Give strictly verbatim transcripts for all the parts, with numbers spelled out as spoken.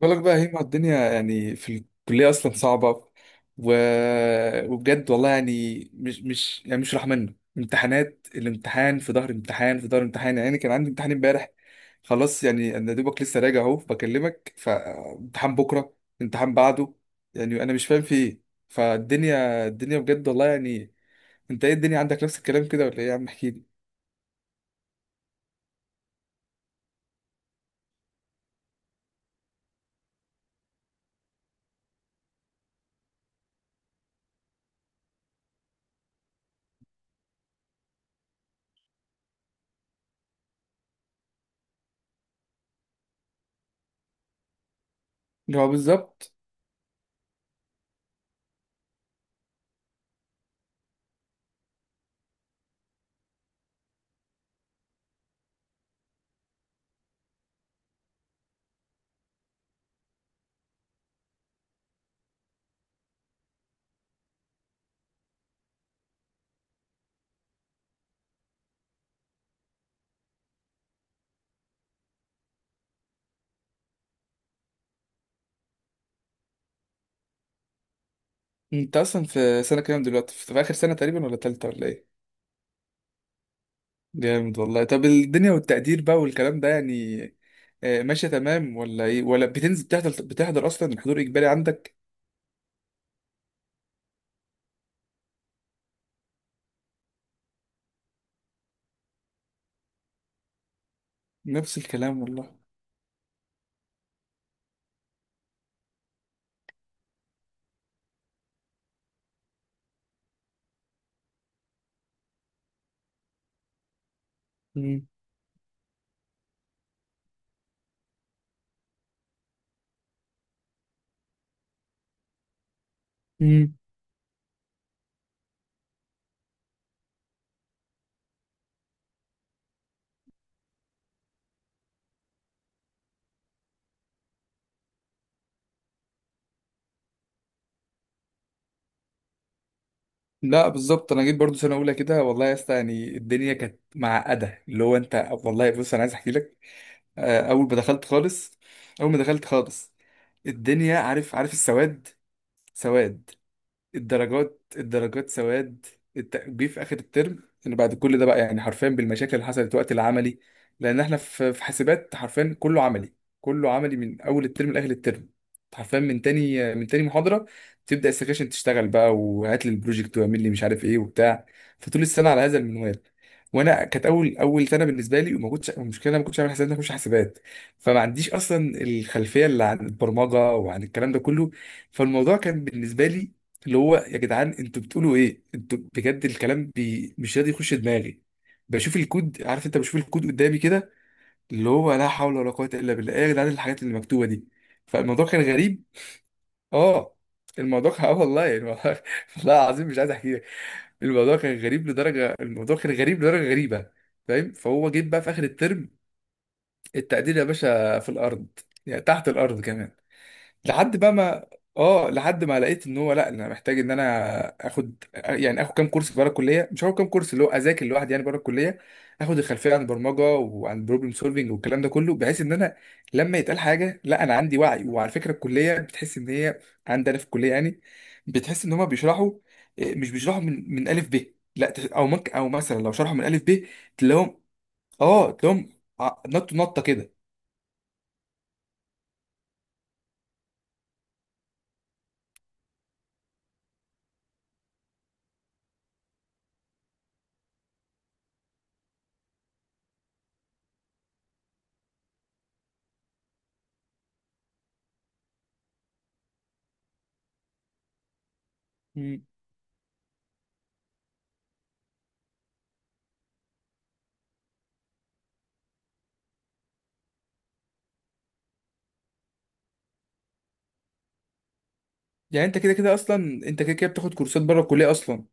بقولك بقى هيما، الدنيا يعني في الكلية أصلا صعبة و... وبجد والله يعني مش مش يعني مش راح منه امتحانات، الامتحان في ظهر امتحان في ظهر امتحان. يعني كان عندي امتحان امبارح خلاص، يعني أنا دوبك لسه راجع أهو بكلمك، فامتحان بكرة، امتحان بعده. يعني أنا مش فاهم في إيه. فالدنيا الدنيا بجد والله يعني. أنت إيه، الدنيا عندك نفس الكلام كده ولا إيه يا عم؟ احكيلي. اللي هو بالظبط. أنت أصلا في سنة كام دلوقتي؟ في في آخر سنة تقريبا ولا تالتة ولا إيه؟ جامد والله. طب الدنيا والتقدير بقى والكلام ده يعني آه، ماشية تمام ولا ايه؟ ولا بتنزل بتحضر؟ بتحضر اصلا، الحضور اجباري عندك؟ نفس الكلام والله. مم. مم. لا بالظبط، انا جيت برضو سنه اولى كده والله يا اسطى، يعني الدنيا كانت معقده. اللي هو انت والله بص، انا عايز احكي لك. آه، اول ما دخلت خالص، اول ما دخلت خالص الدنيا، عارف؟ عارف السواد، سواد الدرجات، الدرجات سواد. الت- جه في اخر الترم ان بعد كل ده بقى يعني حرفيا، بالمشاكل اللي حصلت وقت العملي. لان احنا في في حاسبات حرفيا كله عملي، كله عملي من اول الترم لاخر الترم. حرفيا من تاني من تاني محاضره تبدا السكاشن تشتغل بقى، وهات لي البروجكت، واعمل لي مش عارف ايه وبتاع. فطول السنه على هذا المنوال. وانا كانت اول اول سنه بالنسبه لي، وما كنتش، المشكله أنا ما كنتش عامل حساب ان أنا اخش حاسبات، فما عنديش اصلا الخلفيه اللي عن البرمجه وعن الكلام ده كله. فالموضوع كان بالنسبه لي اللي هو يا جدعان انتوا بتقولوا ايه؟ انتوا بجد الكلام بي... مش راضي يخش دماغي. بشوف الكود، عارف انت؟ بشوف الكود قدامي كده اللي هو لا حول ولا قوة الا بالله، ايه يا جدعان الحاجات اللي مكتوبة دي؟ فالموضوع كان غريب. اه الموضوع كان اه والله يعني، والله والله العظيم مش عايز احكي لك. الموضوع كان غريب لدرجة، الموضوع كان غريب لدرجة غريبة، فاهم؟ فهو جيب بقى في اخر الترم التقدير يا باشا في الارض، يعني تحت الارض كمان. لحد بقى ما، اه لحد ما لقيت ان هو، لا انا محتاج ان انا اخد يعني اخد كام كورس بره الكليه، مش هاخد كام كورس اللي هو اذاكر لوحدي يعني بره الكليه، اخد الخلفيه عن البرمجه وعن البروبلم سولفنج والكلام ده كله، بحيث ان انا لما يتقال حاجه لا انا عندي وعي. وعلى فكره الكليه بتحس ان هي، عندنا في الكليه يعني، بتحس ان هما بيشرحوا، إيه، مش بيشرحوا من من الف ب. لا تح- او ممكن، او مثلا لو شرحوا من الف ب تلاقيهم، اه تلاقيهم ع- نط نطه كده. مم. يعني انت كده كده اصلا، انت كده كده بتاخد كورسات بره الكليه اصلا.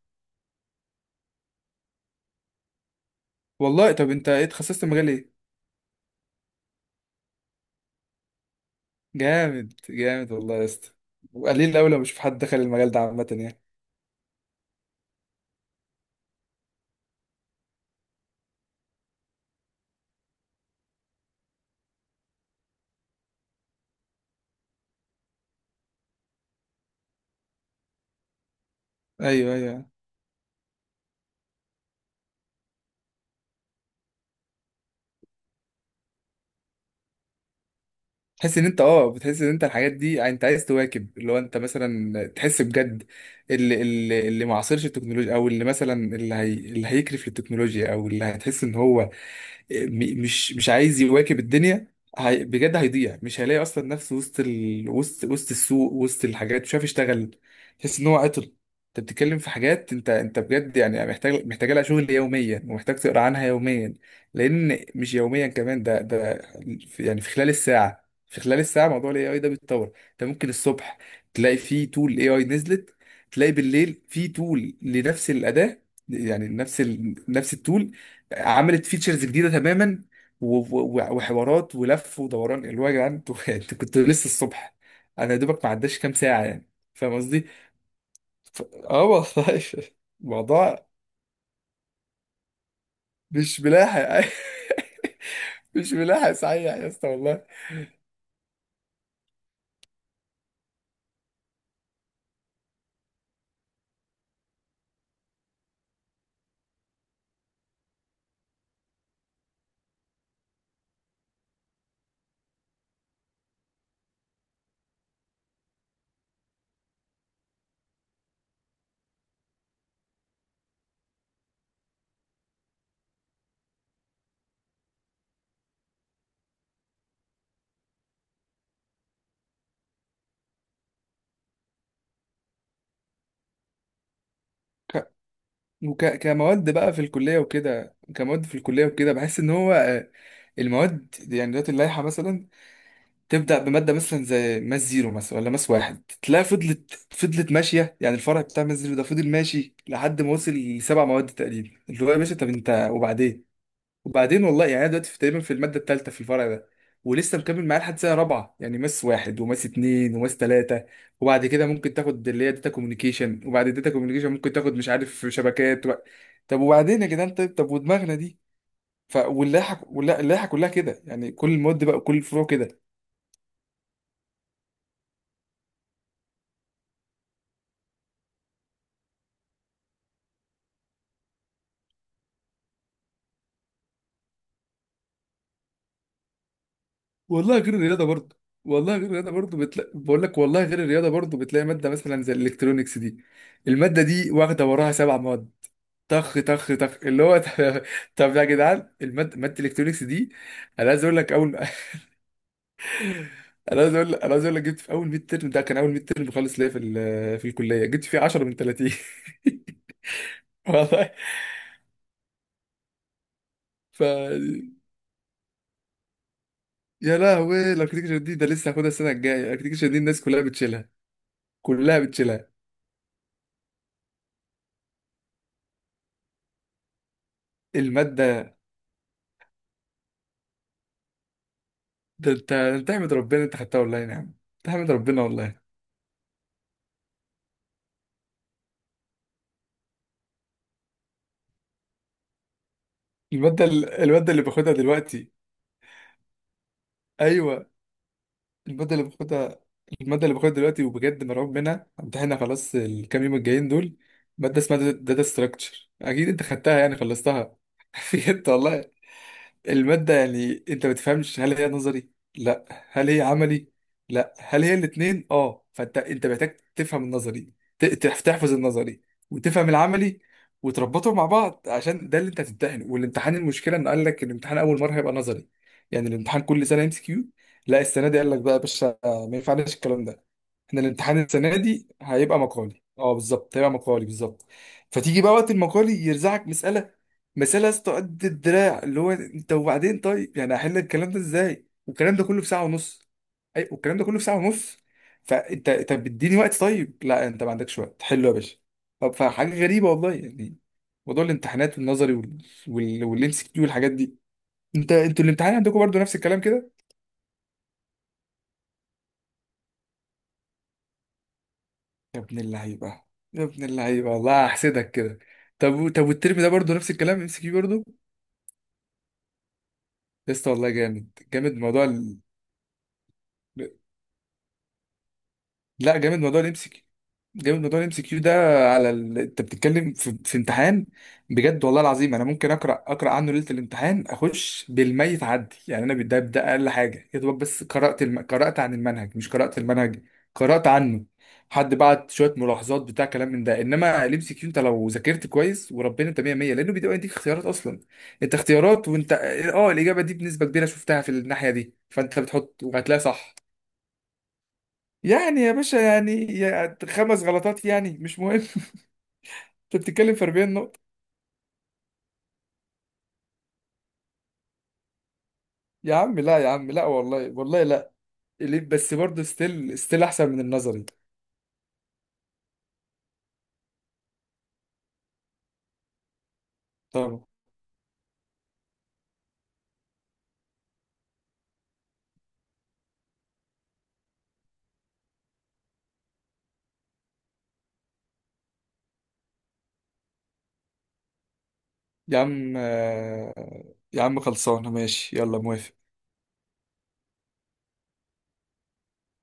والله طب انت ايه، اتخصصت مجال ايه؟ جامد جامد والله يا اسطى، وقليل قوي لما بشوف حد دخل المجال ده عامه يعني. ايوه ايوه. تحس ان انت، اه بتحس ان انت الحاجات دي، يعني انت عايز تواكب، اللي هو انت مثلا تحس بجد اللي اللي اللي معاصرش التكنولوجيا، او اللي مثلا اللي هي اللي هيكرف للتكنولوجيا، او اللي هتحس ان هو م- مش مش عايز يواكب الدنيا، هي بجد هيضيع، مش هيلاقي اصلا نفسه وسط ال... وسط وسط السوق، وسط الحاجات مش عارف يشتغل، تحس ان هو عطل. انت بتتكلم في حاجات انت، انت بجد يعني محتاج، محتاج لها شغل يوميا، ومحتاج تقرا عنها يوميا. لان مش يوميا كمان، ده ده في- يعني في خلال الساعه، في خلال الساعه موضوع الاي اي ده بيتطور. انت ممكن الصبح تلاقي فيه تول اي اي نزلت، تلاقي بالليل فيه تول لنفس الاداه، يعني نفس ال... نفس التول عملت فيتشرز جديده تماما، و- و- و- وحوارات ولف ودوران، اللي هو يا جدعان انتوا انتوا كنتوا لسه الصبح، انا يا دوبك ما عداش كام ساعه يعني. فاهم قصدي؟ ف... اه والله. الموضوع. مش ملاحق. مش ملاحق صحيح يا اسطى والله. ك- وك... كمواد بقى في الكليه وكده، كمواد في الكليه وكده بحس ان هو آه، المواد دي- يعني دلوقتي اللائحه مثلا تبدأ بمادة مثلا زي ماس زيرو مثلا ولا ماس واحد، تلاقي فضلت فضلت ماشية يعني الفرع بتاع ماس زيرو ده فضل ماشي لحد ما وصل لسبع مواد تقريبا، اللي هو يا باشا طب انت وبعدين؟ وبعدين والله يعني انا دلوقتي في تقريبا، في المادة التالتة في الفرع ده، ولسه مكمل معاه لحد سنة رابعة، يعني ماس واحد وماس اتنين وماس تلاتة، وبعد كده ممكن تاخد اللي هي داتا كوميونيكيشن، وبعد الداتا كوميونيكيشن ممكن تاخد مش عارف شبكات و... طب وبعدين يا جدعان؟ طيب طب ودماغنا دي؟ ف واللائحة واللائحة كلها كده، يعني كل المواد بقى، كل الفروع كده. والله غير الرياضه برضه، والله غير الرياضه برضه بتلاقي، بقول لك والله غير الرياضه برضه بتلاقي ماده مثلا زي الالكترونيكس دي، الماده دي واخده وراها سبع مواد طخ طخ طخ، اللي هو طب يا جدعان الماده، ماده الالكترونيكس دي انا عايز اقول لك اول انا عايز اقول لك، انا عايز اقول لك جبت في اول ميد ترم، ده كان اول ميد ترم خالص ليا في ال- في الكليه، جبت فيه عشرة من ثلاثين. والله. ف يا لهوي، الاركتكشر دي ده لسه هاخدها السنه الجايه. الاركتكشر دي الناس كلها بتشيلها، كلها بتشيلها. الماده ده انت، انت احمد ربنا انت خدتها والله. نعم، تحمد ربنا والله. المادة ال- المادة اللي باخدها دلوقتي. ايوه. المادة اللي باخدها، المادة اللي باخدها دلوقتي وبجد مرعوب منها، امتحانها خلاص الكام يوم الجايين دول. مادة اسمها داتا ستراكشر، اكيد انت خدتها يعني خلصتها. بجد والله. المادة يعني انت ما بتفهمش هل هي نظري؟ لا. هل هي عملي؟ لا. هل هي الاتنين؟ اه. فانت، انت محتاج تفهم النظري، ت- تح- تحفظ النظري وتفهم العملي، وتربطهم مع بعض، عشان ده اللي انت هتمتحنه. والامتحان، المشكلة انه قال لك الامتحان اول مرة هيبقى نظري، يعني الامتحان كل سنة ام سي كيو. لا السنة دي قال لك بقى يا باشا آه، ما ينفعناش الكلام ده، احنا الامتحان السنه دي هيبقى مقالي. اه بالظبط، هيبقى مقالي بالظبط. فتيجي بقى وقت المقالي يرزعك مساله، مساله يا اسطى قد الدراع، اللي هو انت وبعدين طيب يعني هحل الكلام ده ازاي والكلام ده كله في ساعه ونص؟ اي والكلام ده كله في ساعه ونص. فانت طب اديني وقت، طيب لا انت ما عندكش وقت، حلو يا باشا. طب فحاجه غريبه والله يعني، موضوع الامتحانات والنظري وال وال والام سي كيو والحاجات دي. انت، انتوا الامتحان عندكم برضو نفس الكلام كده؟ يا ابن اللعيبة، يا ابن اللعيبة والله، هحسدك كده. طب طب والترم ده برضو نفس الكلام ام سي كيو برضو؟ لسه والله، جامد جامد موضوع. لا جامد موضوع الام سي كيو، جامد موضوع الام سي كيو ده. على ال... انت بتتكلم في... في... امتحان، بجد والله العظيم انا ممكن اقرا، اقرا عنه ليله الامتحان اخش بالميت عدي، يعني انا ده ده اقل حاجه يا دوبك. بس قرات الم... قرات عن المنهج مش قرات المنهج، قرات عنه. حد بعت شويه ملاحظات بتاع كلام من ده، انما الام سي كيو انت لو ذاكرت كويس وربنا انت مية مية، لانه بيدي يديك اختيارات اصلا. انت اختيارات، وانت اه الاجابه دي بنسبه كبيره شفتها في الناحيه دي، فانت بتحط وهتلاقيها صح. يعني يا باشا يعني، يا خمس غلطات يعني مش مهم. انت بتتكلم في أربعين نقطة. يا عم لا، يا عم لا، والله والله لا. ليه بس؟ برضه ستيل ستيل احسن من النظري. طبعا. يا عم آه، يا عم خلصانة ماشي، يلا موافق.